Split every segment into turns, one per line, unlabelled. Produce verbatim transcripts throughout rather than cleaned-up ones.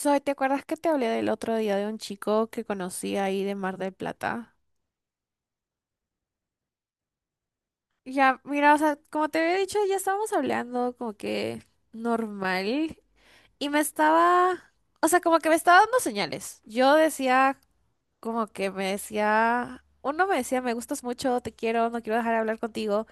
Zoe, ¿te acuerdas que te hablé del otro día de un chico que conocí ahí de Mar del Plata? Ya, mira, o sea, como te había dicho, ya estábamos hablando como que normal y me estaba, o sea, como que me estaba dando señales. Yo decía, como que me decía, uno me decía, me gustas mucho, te quiero, no quiero dejar de hablar contigo.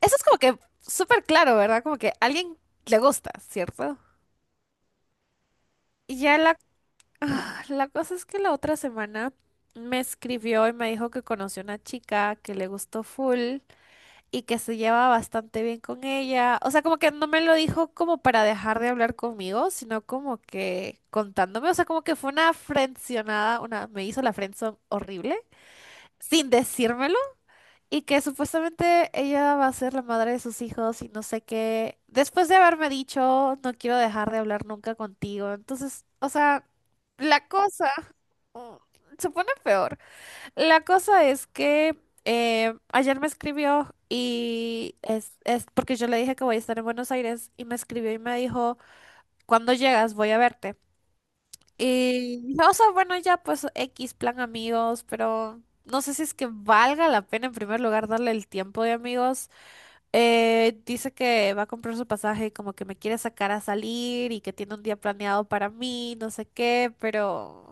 Eso es como que súper claro, ¿verdad? Como que a alguien le gusta, ¿cierto? Y ya la Ah, la cosa es que la otra semana me escribió y me dijo que conoció una chica que le gustó full y que se lleva bastante bien con ella. O sea, como que no me lo dijo como para dejar de hablar conmigo, sino como que contándome. O sea, como que fue una frencionada, una, me hizo la friendzone horrible sin decírmelo. Y que supuestamente ella va a ser la madre de sus hijos y no sé qué. Después de haberme dicho, no quiero dejar de hablar nunca contigo. Entonces, o sea, la cosa mm, se pone peor. La cosa es que eh, ayer me escribió y es, es porque yo le dije que voy a estar en Buenos Aires y me escribió y me dijo, cuando llegas voy a verte. Y dije, o sea, bueno, ya pues X plan amigos, pero no sé si es que valga la pena en primer lugar darle el tiempo de amigos. Eh, dice que va a comprar su pasaje, como que me quiere sacar a salir y que tiene un día planeado para mí, no sé qué, pero...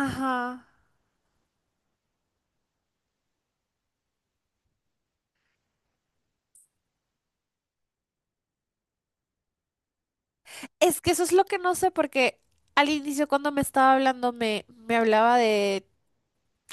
Ajá. Es que eso es lo que no sé porque al inicio cuando me estaba hablando me, me hablaba de...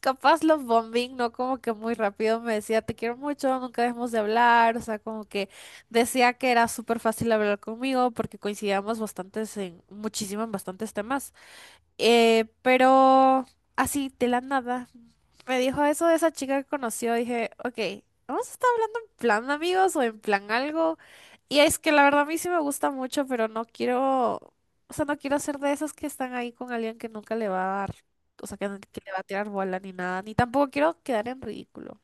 capaz love bombing, ¿no? Como que muy rápido me decía, te quiero mucho, nunca dejemos de hablar, o sea, como que decía que era súper fácil hablar conmigo porque coincidíamos bastantes en muchísimo en bastantes temas. Eh, pero así, de la nada. Me dijo eso de esa chica que conoció. Dije, ok, ¿vamos a estar hablando en plan amigos o en plan algo? Y es que la verdad a mí sí me gusta mucho, pero no quiero, o sea, no quiero ser de esas que están ahí con alguien que nunca le va a dar, o sea, que, no- que le va a tirar bola ni nada, ni tampoco quiero quedar en ridículo.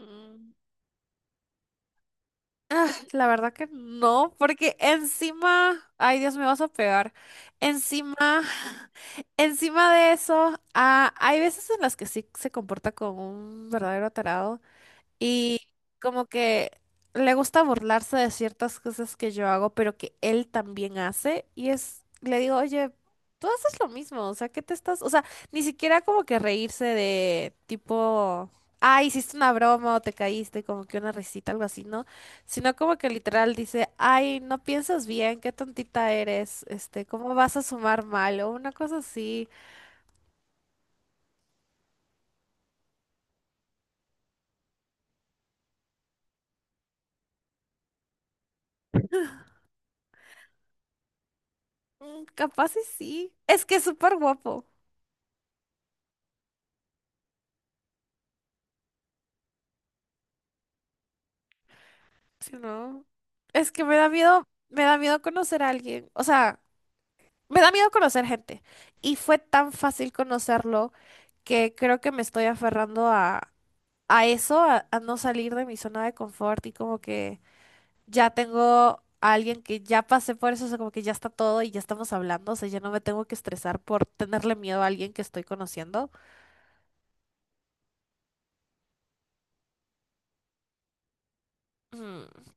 Mm, ah, la verdad que no, porque encima, ay Dios, me vas a pegar. Encima, encima de eso, ah, hay veces en las que sí se comporta como un verdadero tarado. Y como que le gusta burlarse de ciertas cosas que yo hago, pero que él también hace. Y es, le digo, oye, tú haces lo mismo, o sea, ¿qué te estás? O sea, ni siquiera como que reírse de tipo, ah, hiciste una broma o te caíste, como que una risita, algo así, ¿no? Sino como que literal dice, ay, no piensas bien, qué tontita eres, este, ¿cómo vas a sumar mal? O una cosa así. Mm, capaz y sí. Es que es súper guapo. Sí, no. Es que me da miedo, me da miedo conocer a alguien. O sea, me da miedo conocer gente. Y fue tan fácil conocerlo que creo que me estoy aferrando a, a eso, a, a no salir de mi zona de confort y como que ya tengo a alguien que ya pasé por eso, o sea, como que ya está todo y ya estamos hablando, o sea, ya no me tengo que estresar por tenerle miedo a alguien que estoy conociendo. Mm.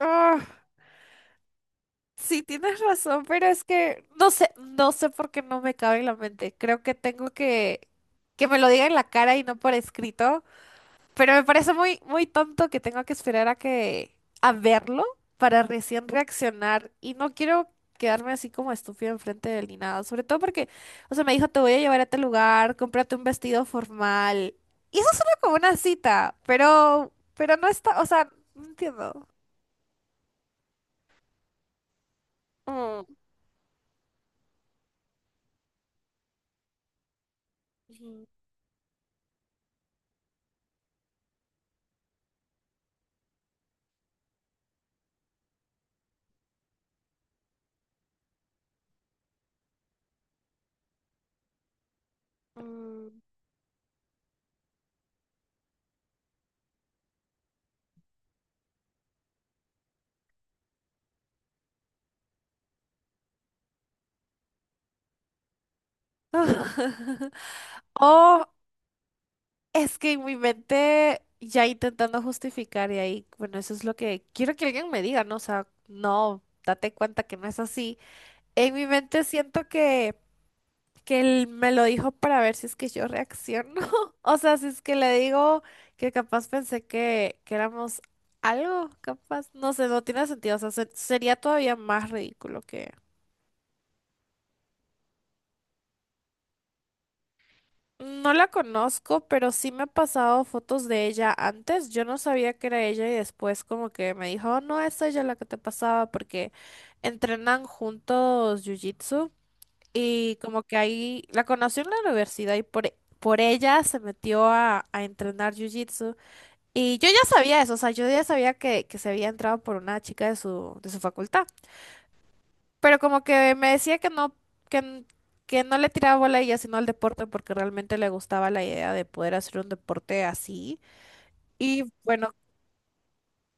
Ah, sí, tienes razón, pero es que no sé, no sé por qué no me cabe en la mente. Creo que tengo que que me lo diga en la cara y no por escrito, pero me parece muy muy tonto que tengo que esperar a que a verlo para recién reaccionar y no quiero quedarme así como estúpido enfrente de él ni nada, sobre todo porque o sea, me dijo, "Te voy a llevar a este lugar, cómprate un vestido formal." Y eso suena como una cita, pero pero no está, o sea, no entiendo. Mm. Ujú. Mm. O es que en mi mente ya intentando justificar y ahí, bueno, eso es lo que quiero que alguien me diga, ¿no? O sea, no, date cuenta que no es así. En mi mente siento que, que él me lo dijo para ver si es que yo reacciono. O sea, si es que le digo que capaz pensé que, que éramos algo, capaz, no sé, no tiene sentido. O sea, se- sería todavía más ridículo. No la conozco, pero sí me ha pasado fotos de ella antes. Yo no sabía que era ella y después como que me dijo, "Oh, no, es ella la que te pasaba porque entrenan juntos jiu-jitsu y como que ahí la conoció en la universidad y por, por ella se metió a, a entrenar jiu-jitsu. Y yo ya sabía eso, o sea, yo ya sabía que, que se había entrado por una chica de su, de su facultad. Pero como que me decía que no, que, n- que no le tiraba bola a ella, sino al deporte, porque realmente le gustaba la idea de poder hacer un deporte así. Y bueno,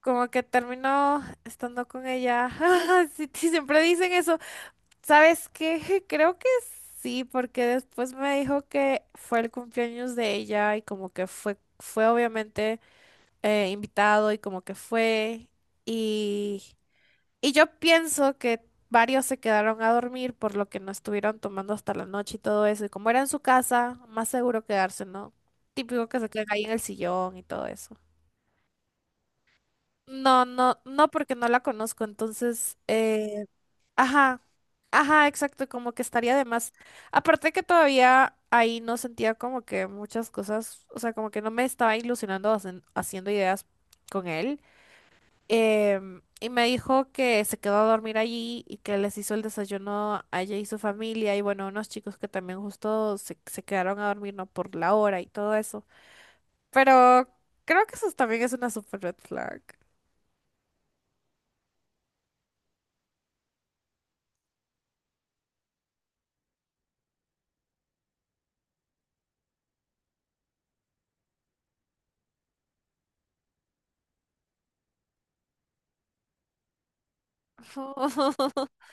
como que terminó estando con ella. Sí, sí, siempre dicen eso. ¿Sabes qué? Creo que sí, porque después me dijo que fue el cumpleaños de ella y como que fue, fue obviamente eh, invitado y como que fue. Y yo pienso que varios se quedaron a dormir por lo que no estuvieron tomando hasta la noche y todo eso. Y como era en su casa, más seguro quedarse, ¿no? Típico que se queden ahí en el sillón y todo eso. No, no, no, porque no la conozco. Entonces, eh, ajá, ajá, exacto, como que estaría de más. Aparte que todavía ahí no sentía como que muchas cosas, o sea, como que no me estaba ilusionando hacen- haciendo ideas con él. Em, y me dijo que se quedó a dormir allí y que les hizo el desayuno a ella y su familia y bueno, unos chicos que también justo se, se quedaron a dormir, ¿no? Por la hora y todo eso. Pero creo que eso también es una super red flag.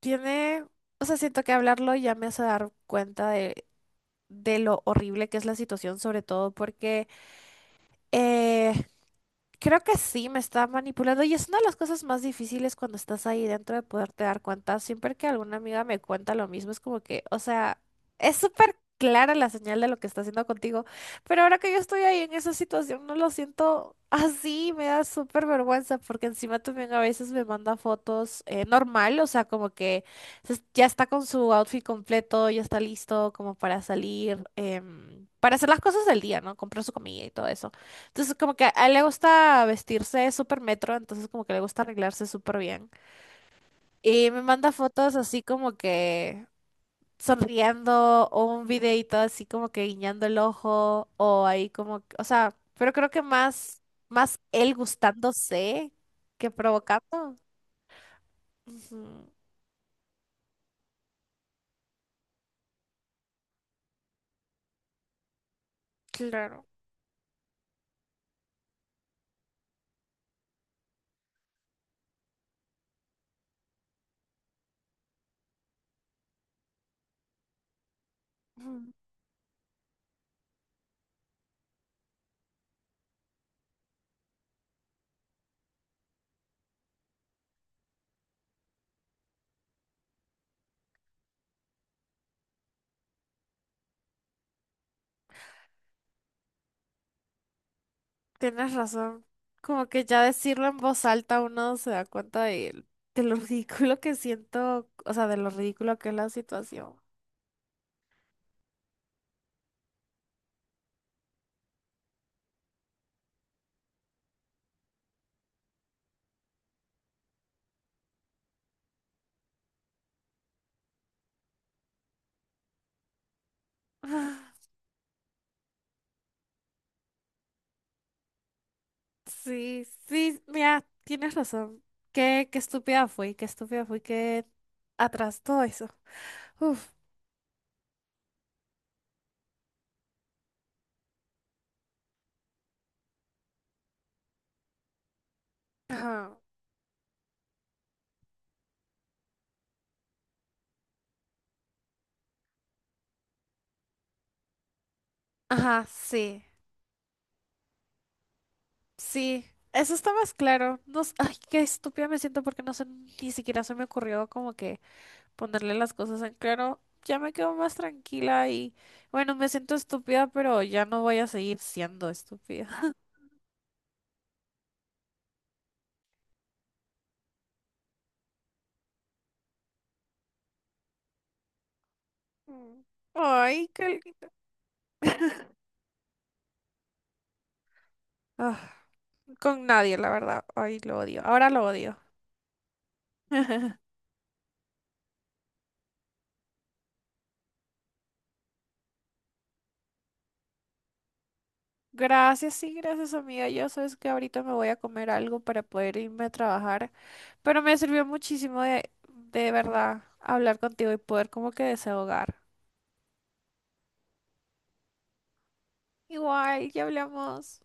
Tiene, o sea, siento que hablarlo ya me hace dar cuenta de, de lo horrible que es la situación, sobre todo porque eh, creo que sí, me está manipulando y es una de las cosas más difíciles cuando estás ahí dentro de poderte dar cuenta. Siempre que alguna amiga me cuenta lo mismo, es como que, o sea, es súper clara la señal de lo que está haciendo contigo, pero ahora que yo estoy ahí en esa situación, no lo siento así, me da súper vergüenza porque encima también a veces me manda fotos eh, normal, o sea, como que se- ya está con su outfit completo, ya está listo como para salir, em, para hacer las cosas del día, ¿no? Comprar su comida y todo eso. Entonces, como que a él le gusta vestirse súper metro, entonces como que le gusta arreglarse súper bien. Y me manda fotos así como que sonriendo o un videito así como que guiñando el ojo o ahí como, que- o sea, pero creo que más, más él gustándose que provocando. Ujú, claro, ujú, tienes razón. Como que ya decirlo en voz alta uno se da cuenta de, de lo ridículo que siento, o sea, de lo ridículo que es la situación. Sí, sí, mira, tienes razón. Qué, qué estúpida fui, qué estúpida fui que atrás todo eso. Uf, ajá, ajá, sí, sí. Eso está más claro. No, s- ay, qué estúpida me siento porque no sé, ni siquiera se me ocurrió como que ponerle las cosas en claro. Ya me quedo más tranquila y bueno, me siento estúpida, pero ya no voy a seguir siendo estúpida. Mm. Ay, qué lindo. Ah, con nadie, la verdad. Ay, lo odio. Ahora lo odio. Gracias, sí, gracias amiga. Yo sabes que ahorita me voy a comer algo para poder irme a trabajar, pero me sirvió muchísimo de, de verdad hablar contigo y poder como que desahogar. Igual, ya hablamos.